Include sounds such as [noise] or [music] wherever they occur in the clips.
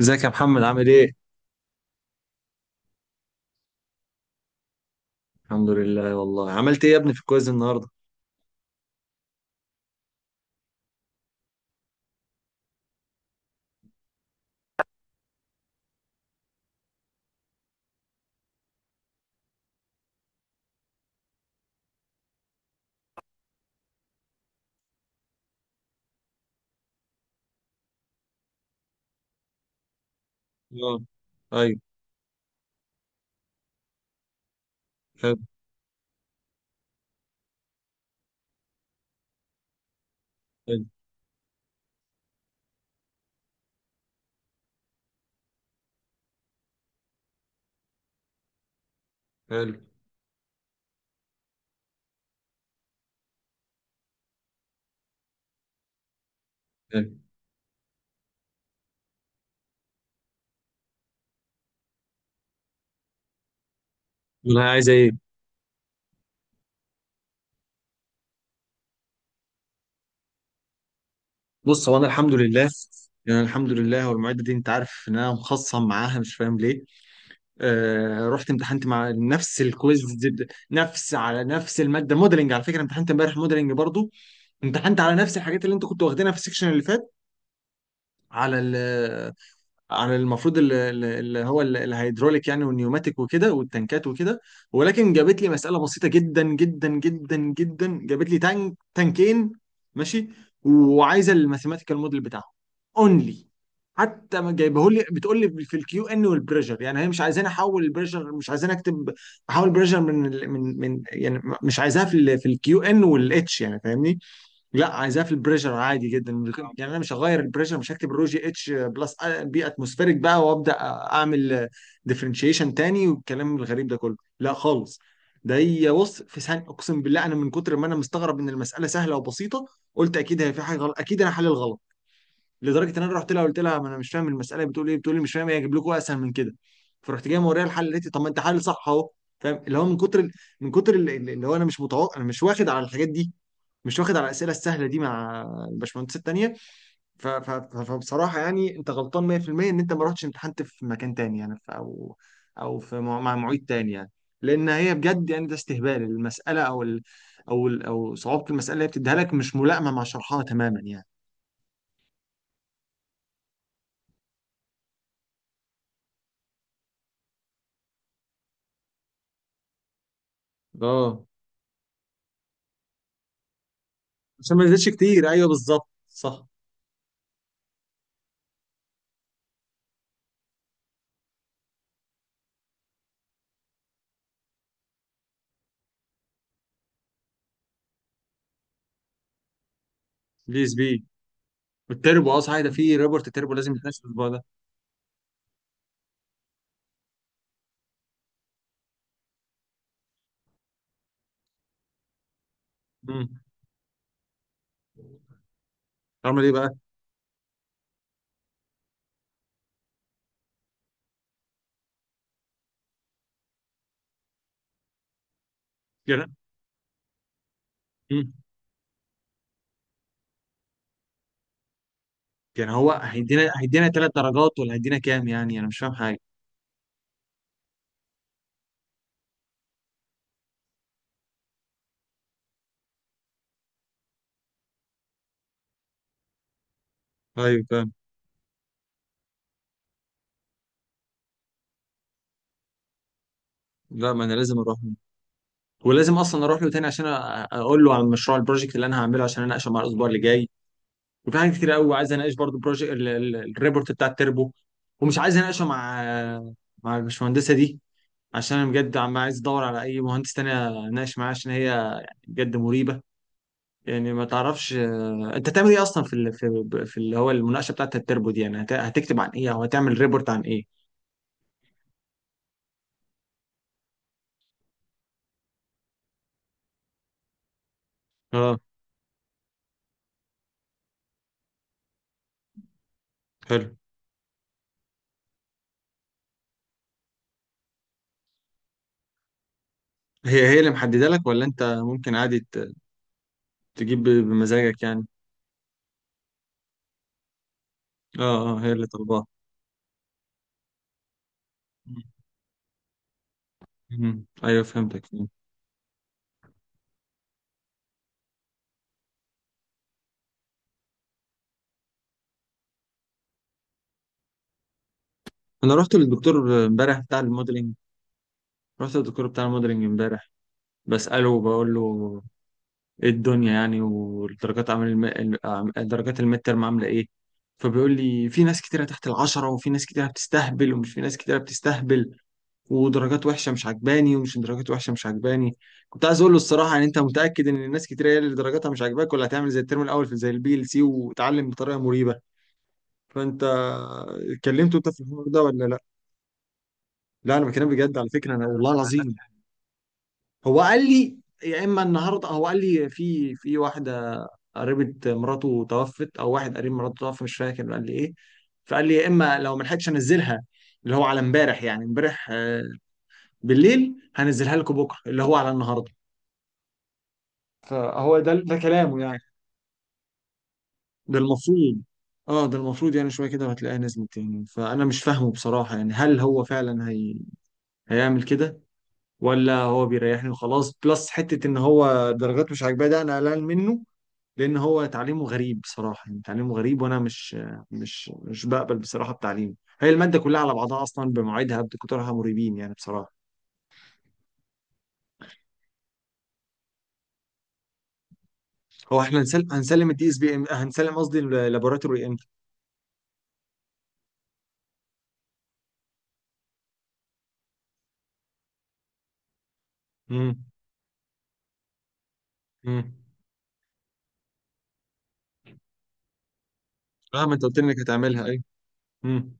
ازيك يا محمد عامل ايه؟ الحمد لله والله عملت ايه يا ابني في الكويز النهارده؟ اه، ايوه، حلو حلو حلو حلو. والله عايزه ايه؟ بص، هو انا الحمد لله، يعني الحمد لله. هو المعده دي، انت عارف ان انا مخصم معاها، مش فاهم ليه. آه، رحت امتحنت مع نفس الكويز نفس على نفس الماده، موديلنج، على فكره امتحنت امبارح موديلنج برضو. امتحنت على نفس الحاجات اللي انت كنت واخدينها في السكشن اللي فات، على، عن المفروض اللي هو الهيدروليك يعني، والنيوماتيك وكده، والتنكات وكده. ولكن جابت لي مسألة بسيطة جدا جدا جدا جدا، جابت لي تانك تانكين، ماشي، وعايزة الماثيماتيكال موديل بتاعهم اونلي. حتى ما جايبه لي، بتقول لي في الكيو ان والبريشر. يعني هي مش عايزاني احول البريشر، مش عايزاني اكتب، احول بريشر من يعني مش عايزاها في ال، في الكيو ان والاتش يعني، فاهمني، لا عايزاه في البريشر عادي جدا. يعني انا مش هغير البريشر، مش هكتب رو جي اتش بلس بي اتموسفيريك بقى، وابدا اعمل ديفرنشيشن تاني، والكلام الغريب ده كله، لا خالص. ده هي، بص، في ثانيه، اقسم بالله انا من كتر ما انا مستغرب ان المساله سهله وبسيطه، قلت اكيد هي في حاجه غلط، اكيد انا حل الغلط، لدرجه ان انا رحت لها قلت لها ما انا مش فاهم المساله بتقول ايه. بتقول لي مش فاهم ايه، اجيب لكم اسهل من كده؟ فرحت جاي موريها الحل، اللي طب ما انت حل صح اهو. فاهم؟ اللي هو من كتر، من كتر اللي، اللي هو انا مش متوقع، انا مش واخد على الحاجات دي، مش واخد على الاسئله السهله دي مع الباشمهندسات التانيه. فبصراحه يعني انت غلطان 100% ان انت ما رحتش امتحنت في مكان تاني، يعني في، او او في مع معيد تاني يعني. لان هي بجد يعني ده استهبال المساله، او ال، او صعوبه المساله اللي هي بتديها لك مش ملائمه مع شرحها تماما يعني. اه، عشان ما يزيدش كتير، ايوه بالظبط صح. بي اس بي والتربو، اه صحيح، ده في ريبورت تربو لازم يتناقش الاسبوع ده. امم. عمل ايه بقى؟ يعني مم. يعني هو هيدينا 3 درجات ولا هيدينا كام؟ يعني انا مش فاهم حاجه. ايوه فاهم. لا، ما انا لازم اروح له، ولازم اصلا اروح له تاني عشان اقول له عن مشروع البروجكت اللي انا هعمله، عشان اناقشه مع الاسبوع اللي جاي. وفي حاجات كتير قوي عايز اناقش برضو بروجكت الريبورت بتاع التربو، ومش عايز اناقشه مع، مع البشمهندسه دي، عشان انا بجد عم عايز ادور على اي مهندس تاني اناقش معاه، عشان هي يعني بجد مريبه. يعني ما تعرفش انت تعمل ايه اصلا في في اللي هو المناقشه بتاعت التربو دي، يعني هتكتب عن ايه، او هتعمل ريبورت عن ايه. اه. حلو. هي هي اللي محدده لك، ولا انت ممكن عادي تجيب بمزاجك يعني؟ اه اه، هي اللي طالباها. مم. ايوه فهمتك. مم. انا رحت للدكتور امبارح بتاع الموديلنج، رحت للدكتور بتاع الموديلنج امبارح، بساله وبقول له ايه الدنيا يعني، والدرجات عامل درجات الميد ترم عامله ايه. فبيقول لي في ناس كتيره تحت العشرة، وفي ناس كتيره بتستهبل، ومش في ناس كتيره بتستهبل، ودرجات وحشه مش عجباني، ومش درجات وحشه مش عجباني. كنت عايز اقول له الصراحه يعني، انت متاكد ان الناس كتيره هي اللي درجاتها مش عاجباك، ولا هتعمل زي الترم الاول في زي البي ال سي، وتعلم بطريقه مريبه؟ فانت كلمته انت في الحوار ده ولا لا؟ لا، انا بكلم بجد على فكره، انا والله العظيم. هو قال لي، يا اما النهارده، هو قال لي في واحده قريبه مراته توفت، او واحد قريب مراته توفى، مش فاكر قال لي ايه. فقال لي يا اما لو ما لحقتش انزلها، اللي هو على امبارح يعني، امبارح بالليل، هنزلها لكم بكره اللي هو على النهارده. فهو ده ده كلامه يعني. ده المفروض. اه، ده المفروض، يعني شويه كده وهتلاقيها نزلت يعني. فانا مش فاهمه بصراحه يعني، هل هو فعلا هي، هيعمل كده، ولا هو بيريحني وخلاص، بلس حتة ان هو درجات مش عاجباه، ده انا قلقان منه، لان هو تعليمه غريب بصراحة، يعني تعليمه غريب، وانا مش، بقبل بصراحة بتعليمه. هي المادة كلها على بعضها اصلا بمواعيدها بدكتورها مريبين يعني بصراحة. هو احنا هنسلم، الدي اس بي ام، هنسلم قصدي اللابوراتوري، امتى؟ امم. امم. اه، ما انت قلت لي انك هتعملها، ايوه. امم.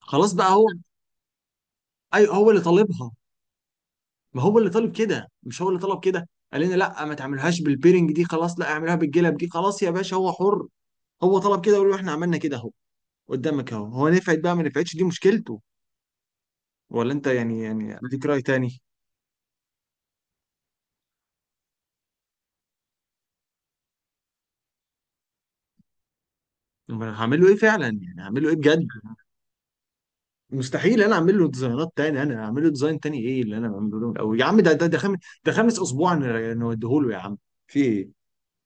خلاص بقى. هو اي، هو اللي طالبها. ما هو اللي طالب كده، مش هو اللي طلب كده؟ قال لنا لا، ما تعملهاش بالبيرنج دي خلاص، لا اعملها بالجلب دي خلاص، يا باشا هو حر، هو طلب كده، وقالوا له احنا عملنا كده اهو، قدامك اهو، هو نفعت بقى ما نفعتش، دي مشكلته. ولا انت يعني، يعني اديك رأي تاني؟ طب انا هعمل له ايه فعلا، يعني هعمل له ايه بجد؟ مستحيل انا اعمل له ديزاينات تاني، انا هعمل له ديزاين تاني؟ ايه اللي انا بعمله له الاول يا عم، ده خامس، ده خامس اسبوع نوديه له يا عم، في ايه،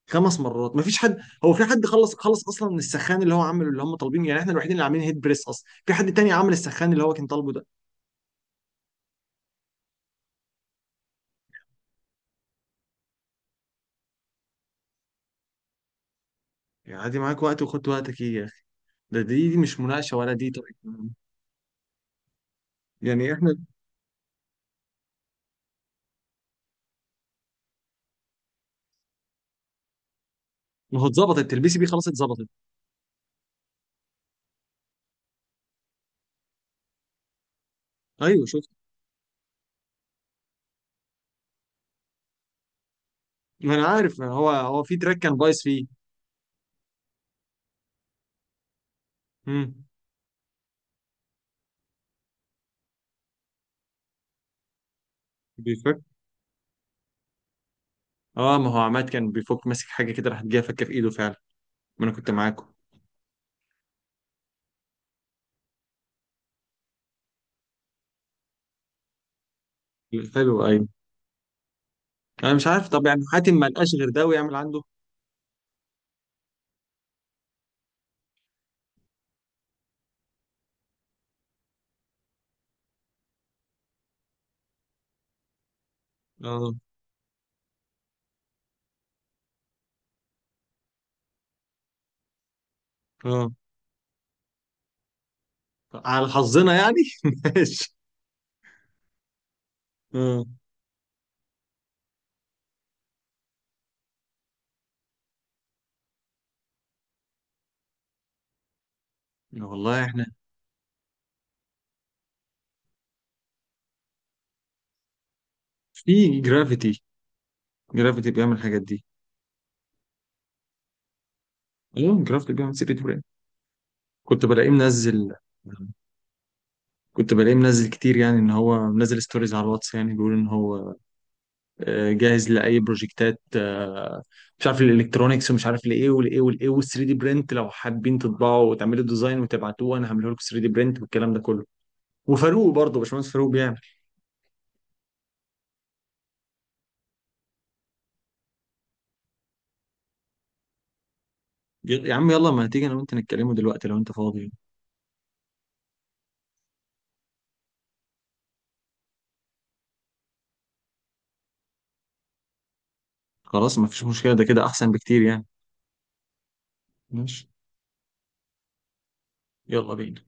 5 مرات، مفيش حد. هو في حد خلص، اصلا من السخان اللي هو عامله اللي هم طالبينه؟ يعني احنا الوحيدين اللي عاملين هيد بريس اصلا، في حد تاني عامل السخان اللي هو كان طالبه ده؟ يعني عادي معاك وقت، وخد وقتك، ايه يا اخي؟ ده دي, مش مناقشه ولا دي طريقه. يعني احنا، ما هو اتظبطت تلبسي بيه خلاص، اتظبطت. ايوه شفت. ما انا عارف، ما هو هو في تراك كان بايظ فيه. امم. بيفك. اه، ما هو عماد كان بيفك ماسك حاجه كده، راحت جايه فكه في ايده فعلا، ما انا كنت معاكم. حلو. ايوه. انا مش عارف، طب يعني حاتم ما لقاش غير ده ويعمل عنده. اه. اه، على حظنا يعني [laughs] ماشي. اه، والله احنا في جرافيتي، جرافيتي بيعمل الحاجات دي. اه، جرافيتي بيعمل سيرة براند. كنت بلاقيه منزل كنت بلاقيه منزل كتير، يعني ان هو منزل ستوريز على الواتس، يعني بيقول ان هو جاهز لاي بروجكتات، مش عارف الالكترونكس ومش عارف لايه ولايه والايه وال3 دي برنت، لو حابين تطبعوا وتعملوا ديزاين وتبعتوه انا هعمله لكم 3 دي برنت والكلام ده كله. وفاروق برضه، باشمهندس فاروق بيعمل. يا عم يلا، ما هتيجي انا وانت نتكلموا دلوقتي لو انت فاضي. خلاص ما فيش مشكله، ده كده احسن بكتير يعني. ماشي. يلا بينا.